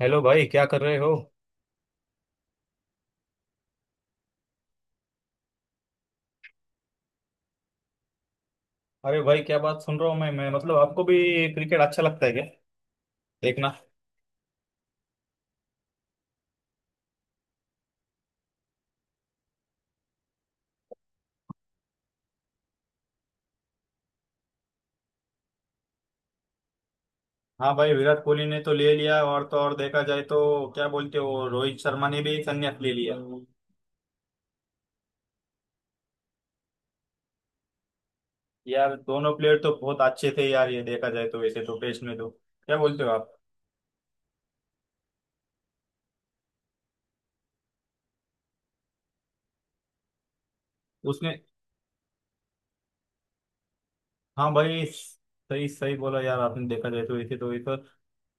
Hello भाई, क्या कर रहे हो। अरे भाई, क्या बात सुन रहा हूँ। मैं मतलब आपको भी क्रिकेट अच्छा लगता है क्या देखना। हाँ भाई, विराट कोहली ने तो ले लिया, और तो और देखा जाए तो क्या बोलते हो, रोहित शर्मा ने भी संन्यास ले लिया। यार दोनों प्लेयर तो बहुत अच्छे थे यार, ये देखा जाए तो वैसे तो टेस्ट में तो, क्या बोलते हो आप। उसने। हाँ भाई, सही सही बोला यार आपने, देखा जाए तो वैसे तो वैसे।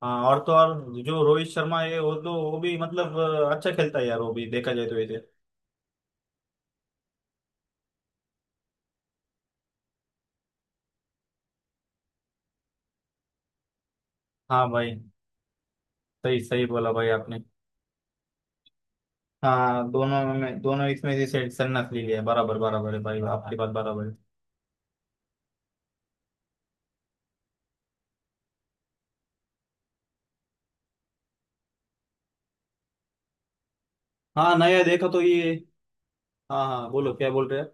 हाँ, और तो और जो रोहित शर्मा है वो तो, वो भी मतलब अच्छा खेलता है यार, वो भी देखा जाए तो वैसे। हाँ भाई, सही सही बोला भाई आपने। हाँ दोनों में, दोनों इसमें से सेट सन्नत ली लिया, बराबर बराबर है भाई, आपकी बात बराबर है। हाँ नया देखा तो ये। हाँ हाँ, बोलो क्या बोल रहे हैं।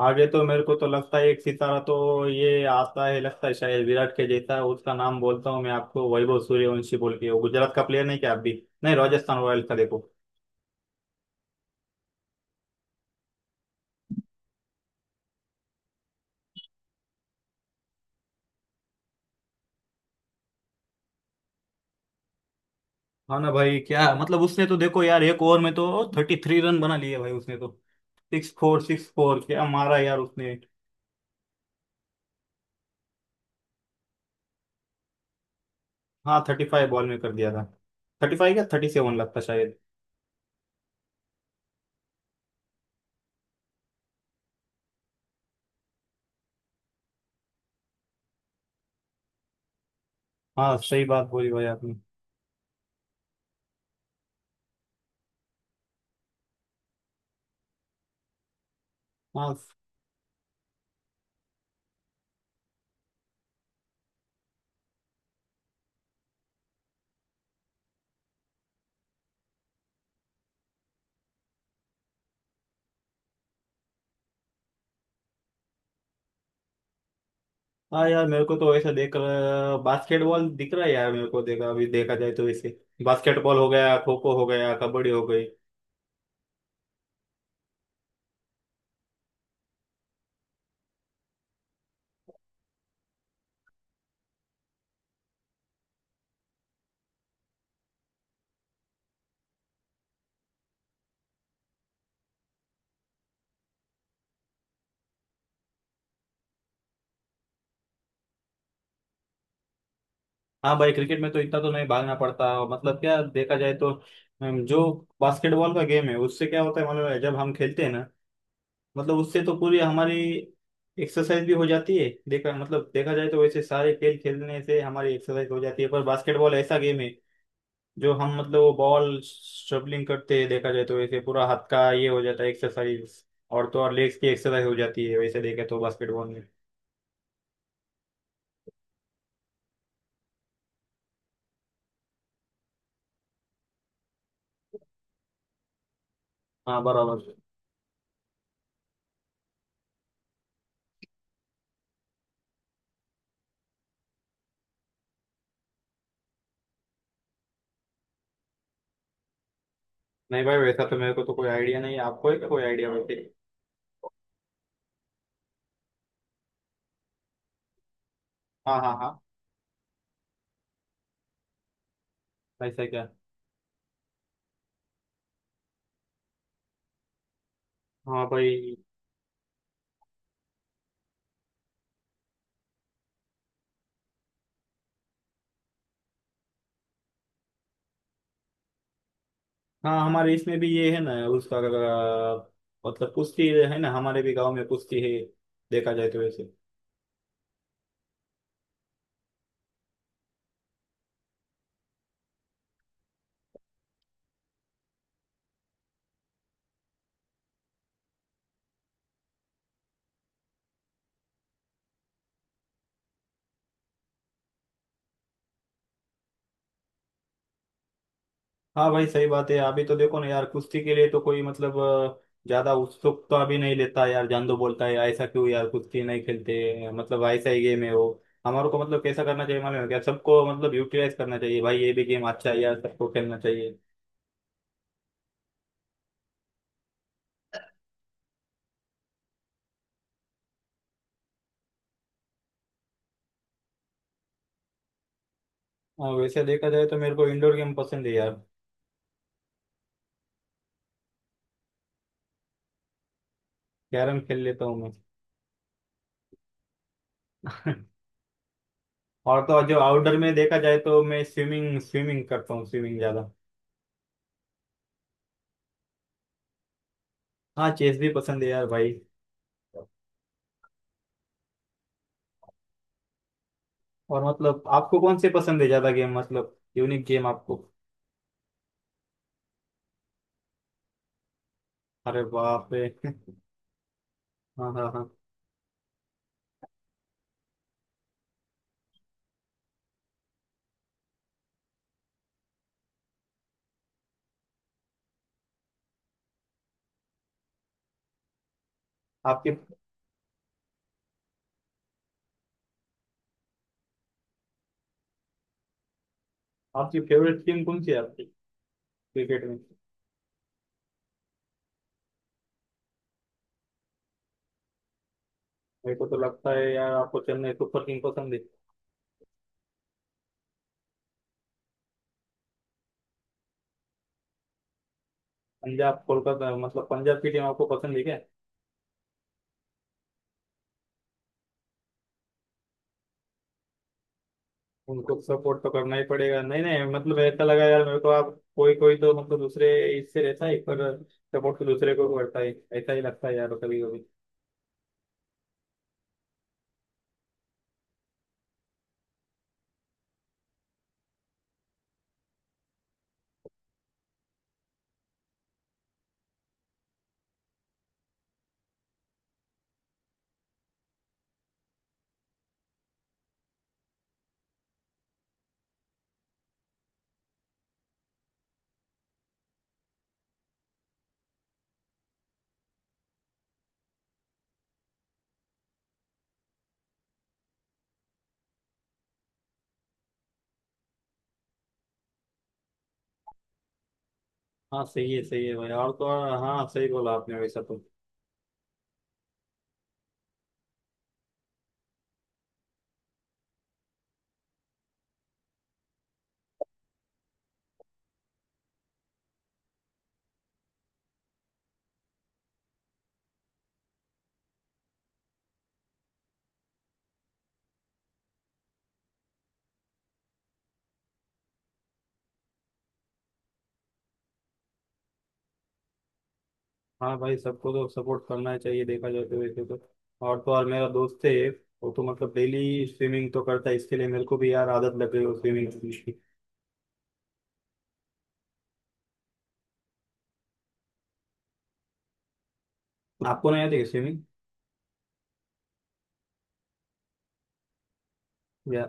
आगे तो मेरे को तो लगता है एक सितारा तो ये आता है, लगता है शायद विराट के जैसा है। उसका नाम बोलता हूँ मैं आपको, वैभव सूर्यवंशी बोल के। वो गुजरात का प्लेयर नहीं क्या, आप भी। नहीं, राजस्थान रॉयल्स का, देखो। हाँ ना भाई, क्या मतलब, उसने तो देखो यार, एक ओवर में तो 33 रन बना लिए भाई उसने तो। सिक्स फोर क्या मारा यार उसने। हाँ, 35 बॉल में कर दिया था। थर्टी फाइव या 37 लगता शायद। हाँ, सही बात बोली भाई आपने। हाँ हाँ यार, मेरे को तो ऐसा देख बास्केटबॉल दिख रहा है यार मेरे को। देखा अभी, देखा जाए तो वैसे बास्केटबॉल हो गया, खो खो हो गया, कबड्डी हो गई। हाँ भाई, क्रिकेट में तो इतना तो नहीं भागना पड़ता, मतलब क्या देखा जाए तो। जो बास्केटबॉल का गेम है उससे क्या होता है मालूम है, जब हम खेलते हैं ना, मतलब उससे तो पूरी हमारी एक्सरसाइज भी हो जाती है। देखा मतलब, देखा जाए तो वैसे सारे खेल खेलने से हमारी एक्सरसाइज हो जाती है, पर बास्केटबॉल ऐसा गेम है जो हम मतलब वो बॉल शबलिंग करते हैं, देखा जाए तो वैसे पूरा हाथ का ये हो जाता है एक्सरसाइज। और तो और लेग्स की एक्सरसाइज हो जाती है, वैसे देखे तो बास्केटबॉल में। हाँ बराबर। नहीं भाई, वैसा तो मेरे को तो कोई आइडिया नहीं है, आपको है क्या कोई आइडिया वैसे। हाँ हाँ हाँ। वैसा क्या। हाँ भाई। हाँ हमारे इसमें भी ये है ना, उसका मतलब कुश्ती है ना, हमारे भी गांव में कुश्ती है, देखा जाए तो वैसे। हाँ भाई, सही बात है। अभी तो देखो ना यार, कुश्ती के लिए तो कोई मतलब ज्यादा उत्सुक तो अभी नहीं लेता यार। जान दो बोलता है, ऐसा क्यों यार कुश्ती नहीं खेलते, मतलब ऐसा ही गेम है वो। हमारे को मतलब कैसा करना चाहिए मालूम है क्या, सबको मतलब यूटिलाइज करना चाहिए भाई, ये भी गेम अच्छा है यार, सबको खेलना चाहिए। और वैसे देखा जाए तो मेरे को इंडोर गेम पसंद है यार। कैरम खेल लेता हूँ मैं। और तो और जो आउटडोर में देखा जाए तो मैं स्विमिंग, स्विमिंग करता हूँ स्विमिंग ज्यादा। हाँ, चेस भी पसंद है यार भाई। और मतलब आपको कौन से पसंद है ज्यादा गेम, मतलब यूनिक गेम आपको। अरे बाप रे। हाँ हाँ हाँ। आपकी आपकी फेवरेट टीम कौन सी है आपकी, क्रिकेट में। मेरे को तो लगता है यार आपको चेन्नई सुपर किंग पसंद है। पंजाब, कोलकाता, मतलब पंजाब की टीम आपको पसंद है क्या। उनको सपोर्ट तो करना ही पड़ेगा। नहीं नहीं, मतलब ऐसा लगा यार मेरे को आप कोई कोई तो मतलब दूसरे इससे रहता है, पर सपोर्ट तो दूसरे को करता है। ऐसा ही लगता है यार कभी कभी। हाँ सही है, सही है भाई, और तो और, हाँ सही बोला आपने वैसा तो। हाँ भाई, सबको तो सपोर्ट करना ही चाहिए देखा जाए तो वैसे तो। और तो और मेरा दोस्त है एक, वो तो मतलब डेली स्विमिंग तो करता है, इसके लिए मेरे को भी यार आदत लग गई वो स्विमिंग की। आपको नहीं आती है स्विमिंग। या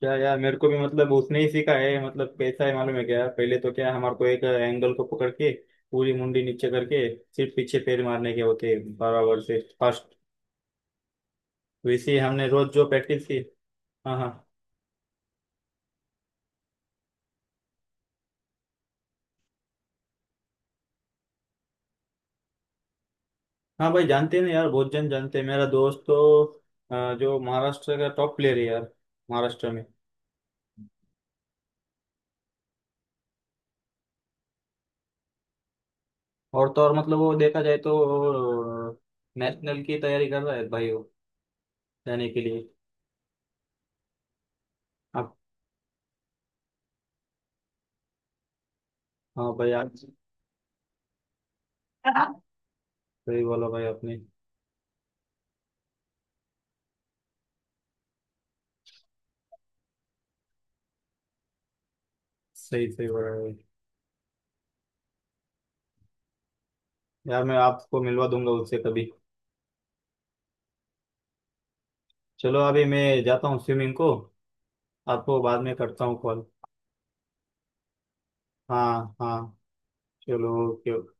क्या यार, मेरे को भी मतलब उसने ही सीखा है। मतलब कैसा है मालूम है क्या, पहले तो क्या है, हमारे को एक एंगल को पकड़ के पूरी मुंडी नीचे करके सिर्फ पीछे पैर मारने के होते हैं, बराबर से फर्स्ट। वैसे ही हमने रोज जो प्रैक्टिस की। हाँ हाँ। हाँ भाई, जानते हैं ना यार बहुत जन जानते हैं। मेरा दोस्त तो जो महाराष्ट्र का टॉप प्लेयर है यार, महाराष्ट्र में। और तो और मतलब वो देखा जाए तो नेशनल की तैयारी कर रहा है भाई वो, जाने के लिए। आप। हाँ भाई, आप सही बोला भाई आपने। सही सही बोला भाई। यार मैं आपको मिलवा दूंगा उससे कभी। चलो अभी मैं जाता हूँ स्विमिंग को, आपको बाद में करता हूँ कॉल। हाँ हाँ, चलो ओके।